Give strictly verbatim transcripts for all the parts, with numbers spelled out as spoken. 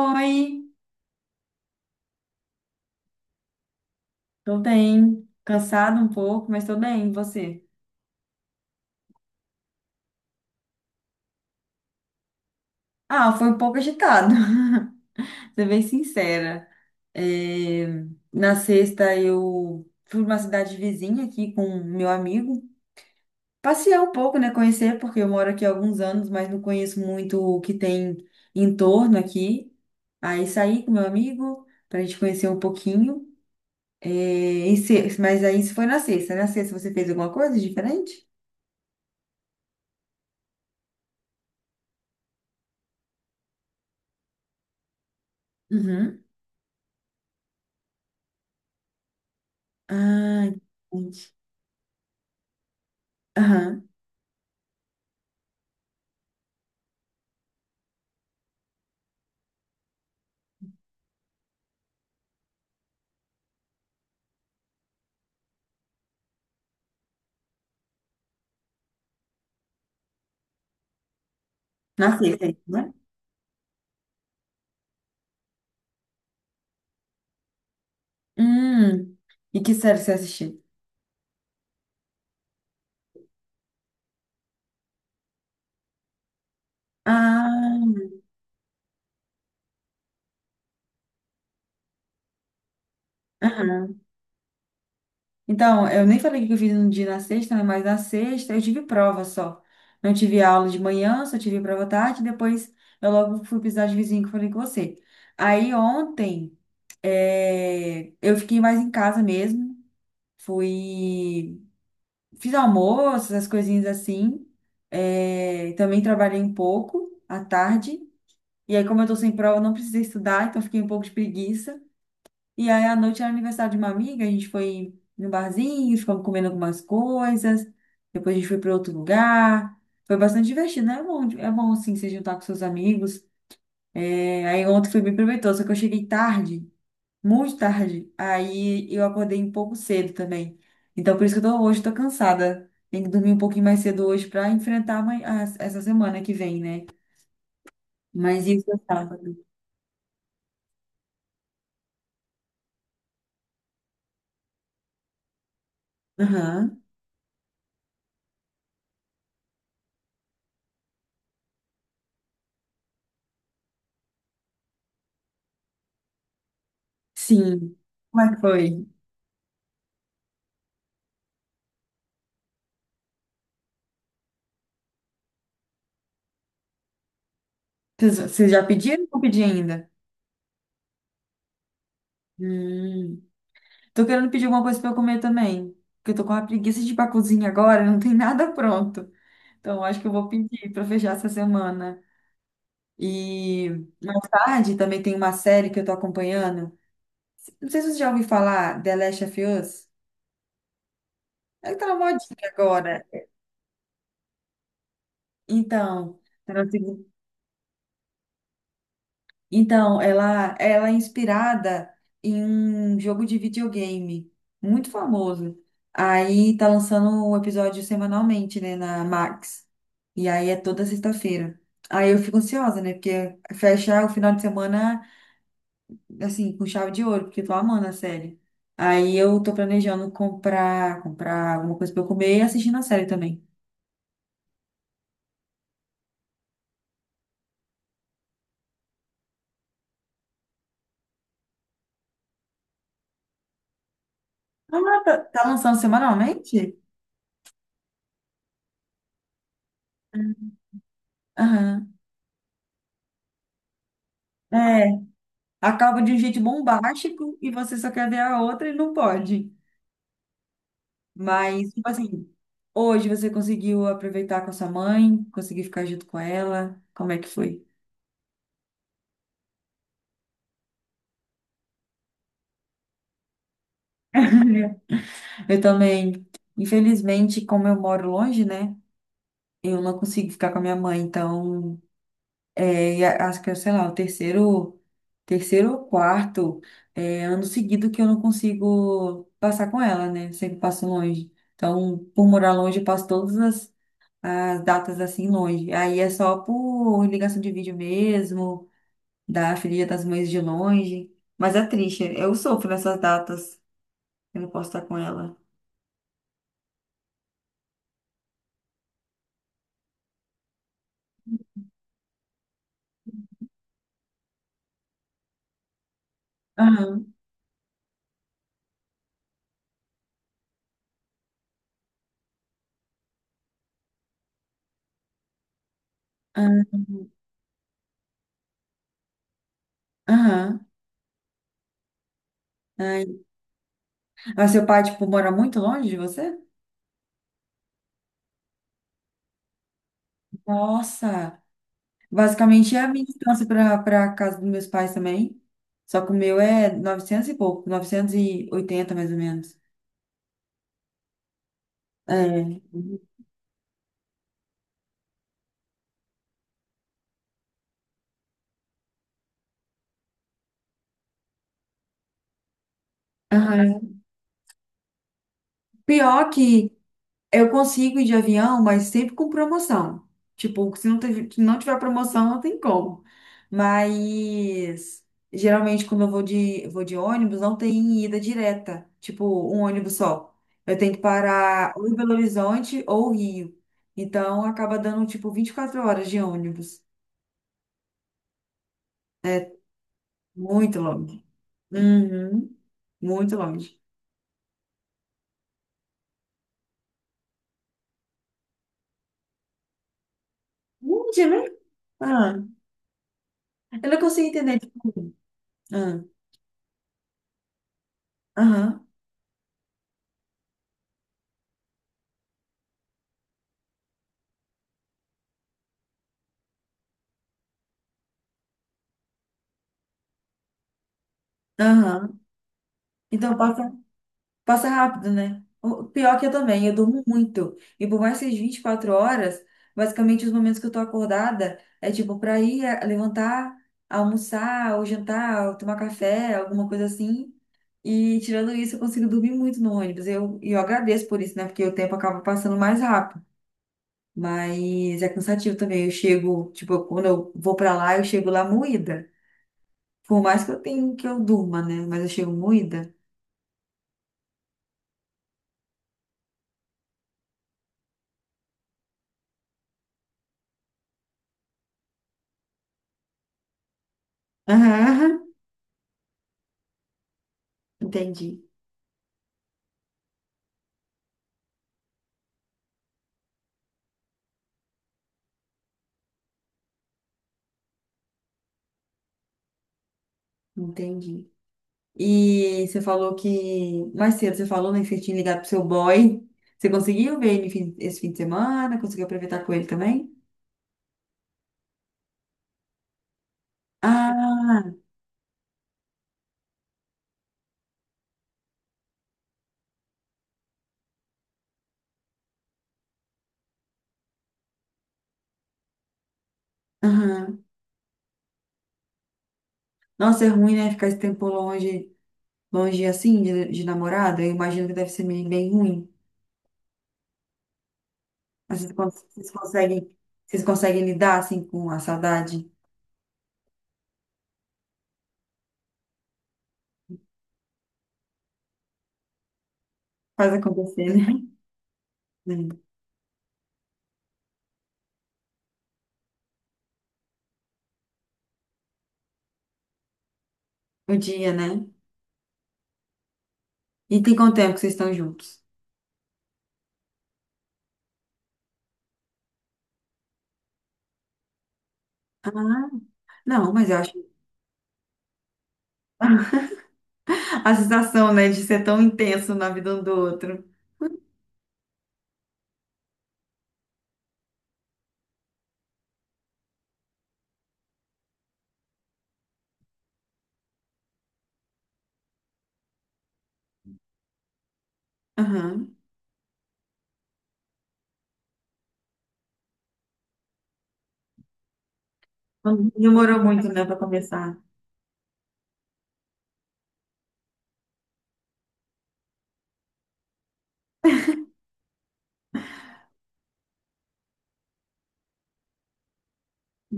Oi, tô bem. Cansado um pouco, mas tô bem. E você? Ah, foi um pouco agitado, ser bem sincera. É, na sexta eu fui pra uma cidade vizinha aqui com meu amigo. Passear um pouco, né? Conhecer, porque eu moro aqui há alguns anos, mas não conheço muito o que tem em torno aqui. Aí saí com meu amigo pra gente conhecer um pouquinho. É, e se- mas aí isso foi na sexta, né? Na sexta você fez alguma coisa diferente? Uhum. Ah, entendi. Na sexta, isso, né? Hum. E que série você assistiu? Ah, aham. Então, eu nem falei que eu fiz no dia na sexta, né? Mas na sexta eu tive prova só. Não tive aula de manhã, só tive prova à tarde. Depois eu logo fui pisar de vizinho que eu falei com você. Aí ontem eh, eu fiquei mais em casa mesmo. Fui. Fiz almoço, essas coisinhas assim. Eh, também trabalhei um pouco à tarde. E aí, como eu tô sem prova, eu não precisei estudar, então fiquei um pouco de preguiça. E aí, à noite era aniversário de uma amiga, a gente foi no barzinho, ficamos comendo algumas coisas, depois a gente foi para outro lugar. Foi bastante divertido, né? É bom, é bom assim, se juntar com seus amigos. É, aí ontem foi bem proveitoso, só que eu cheguei tarde, muito tarde. Aí eu acordei um pouco cedo também. Então, por isso que eu tô, hoje tô cansada. Tenho que dormir um pouquinho mais cedo hoje para enfrentar amanhã- as- essa semana que vem, né? Mas isso é sábado. Aham. Sim. Como é que foi? Vocês vocês já pediram ou não pedi ainda? Hum. Tô querendo pedir alguma coisa pra eu comer também. Porque eu tô com uma preguiça de ir pra cozinha agora, não tem nada pronto. Então, eu acho que eu vou pedir pra fechar essa semana. E mais tarde também tem uma série que eu tô acompanhando. Não sei se você já ouviu falar, The Last of Us. Ela tá na modinha agora. Então, tá na segunda Então, ela, ela é inspirada em um jogo de videogame muito famoso. Aí tá lançando o episódio semanalmente, né, na Max. E aí é toda sexta-feira. Aí eu fico ansiosa, né, porque fecha o final de semana, assim, com chave de ouro, porque eu tô amando a série. Aí eu tô planejando comprar, comprar alguma coisa pra eu comer e assistir na série também. Ah, tá, tá lançando semanalmente? Aham. É, acaba de um jeito bombástico e você só quer ver a outra e não pode. Mas, tipo assim, hoje você conseguiu aproveitar com a sua mãe, conseguiu ficar junto com ela. Como é que foi? Eu também, infelizmente, como eu moro longe, né? Eu não consigo ficar com a minha mãe, então é, e a- acho que, é, sei lá, o terceiro, terceiro ou quarto é, ano seguido que eu não consigo passar com ela, né? Sempre passo longe. Então, por morar longe, eu passo todas as as datas assim longe. Aí é só por ligação de vídeo mesmo, da filha das mães de longe. Mas é triste, eu sofro nessas datas. Eu não posso estar com ela. Aham, aham, aham. Ai. Mas seu pai, tipo, mora muito longe de você? Nossa! Basicamente é a minha distância para para casa dos meus pais também. Só que o meu é novecentos e pouco, novecentos e oitenta mais ou menos. É. Aham. Pior que eu consigo ir de avião, mas sempre com promoção. Tipo, se não teve- se não tiver promoção, não tem como. Mas geralmente quando eu vou de, vou de ônibus, não tem ida direta, tipo um ônibus só. Eu tenho que parar ou em Belo Horizonte ou Rio. Então acaba dando tipo vinte e quatro horas de ônibus. Muito longe. Uhum. Muito longe. Longe, né? Ah, eu não consigo entender. Tipo, ah, aham, aham. Então, passa. Passa rápido, né? O pior que eu também, eu durmo muito. E por mais que seja vinte e quatro horas, basicamente os momentos que eu tô acordada é tipo pra ir é, levantar, almoçar, ou jantar, ou tomar café, alguma coisa assim. E tirando isso, eu consigo dormir muito no ônibus. Eu, e eu agradeço por isso, né? Porque o tempo acaba passando mais rápido. Mas é cansativo também. Eu chego, tipo, quando eu vou pra lá, eu chego lá moída. Por mais que eu tenha que eu durma, né? Mas eu chego moída. Aham, entendi. Entendi. E você falou que mais cedo você falou, né, que você tinha ligado pro seu boy. Você conseguiu ver ele fim- esse fim de semana? Conseguiu aproveitar com ele também? Ah, aham. Nossa, é ruim, né? Ficar esse tempo longe, longe assim, de, de namorada. Eu imagino que deve ser bem bem ruim. Mas vocês, cons- vocês conseguem, vocês conseguem lidar assim com a saudade? Faz acontecer, né? Hum, o dia, né? E tem quanto tempo que vocês estão juntos? Ah, não, mas eu acho a sensação, né, de ser tão intenso na vida um do outro. Aham. Não demorou muito, né, pra começar.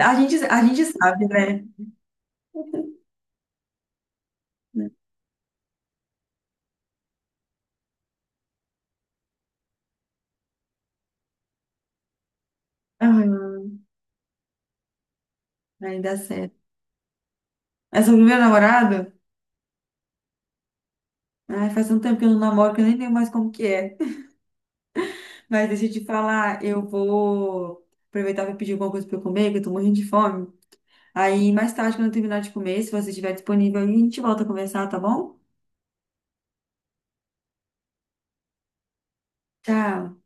A gente, a gente sabe, né? Aham, aí dá certo. Mas sobre o meu namorado, ai, faz tanto tempo que eu não namoro que eu nem lembro mais como que é. Mas deixa eu te falar, eu vou aproveitar para pedir alguma coisa para eu comer, que eu tô morrendo de fome. Aí mais tarde, quando eu terminar de comer, se você estiver disponível, a gente volta a conversar, tá bom? Tchau.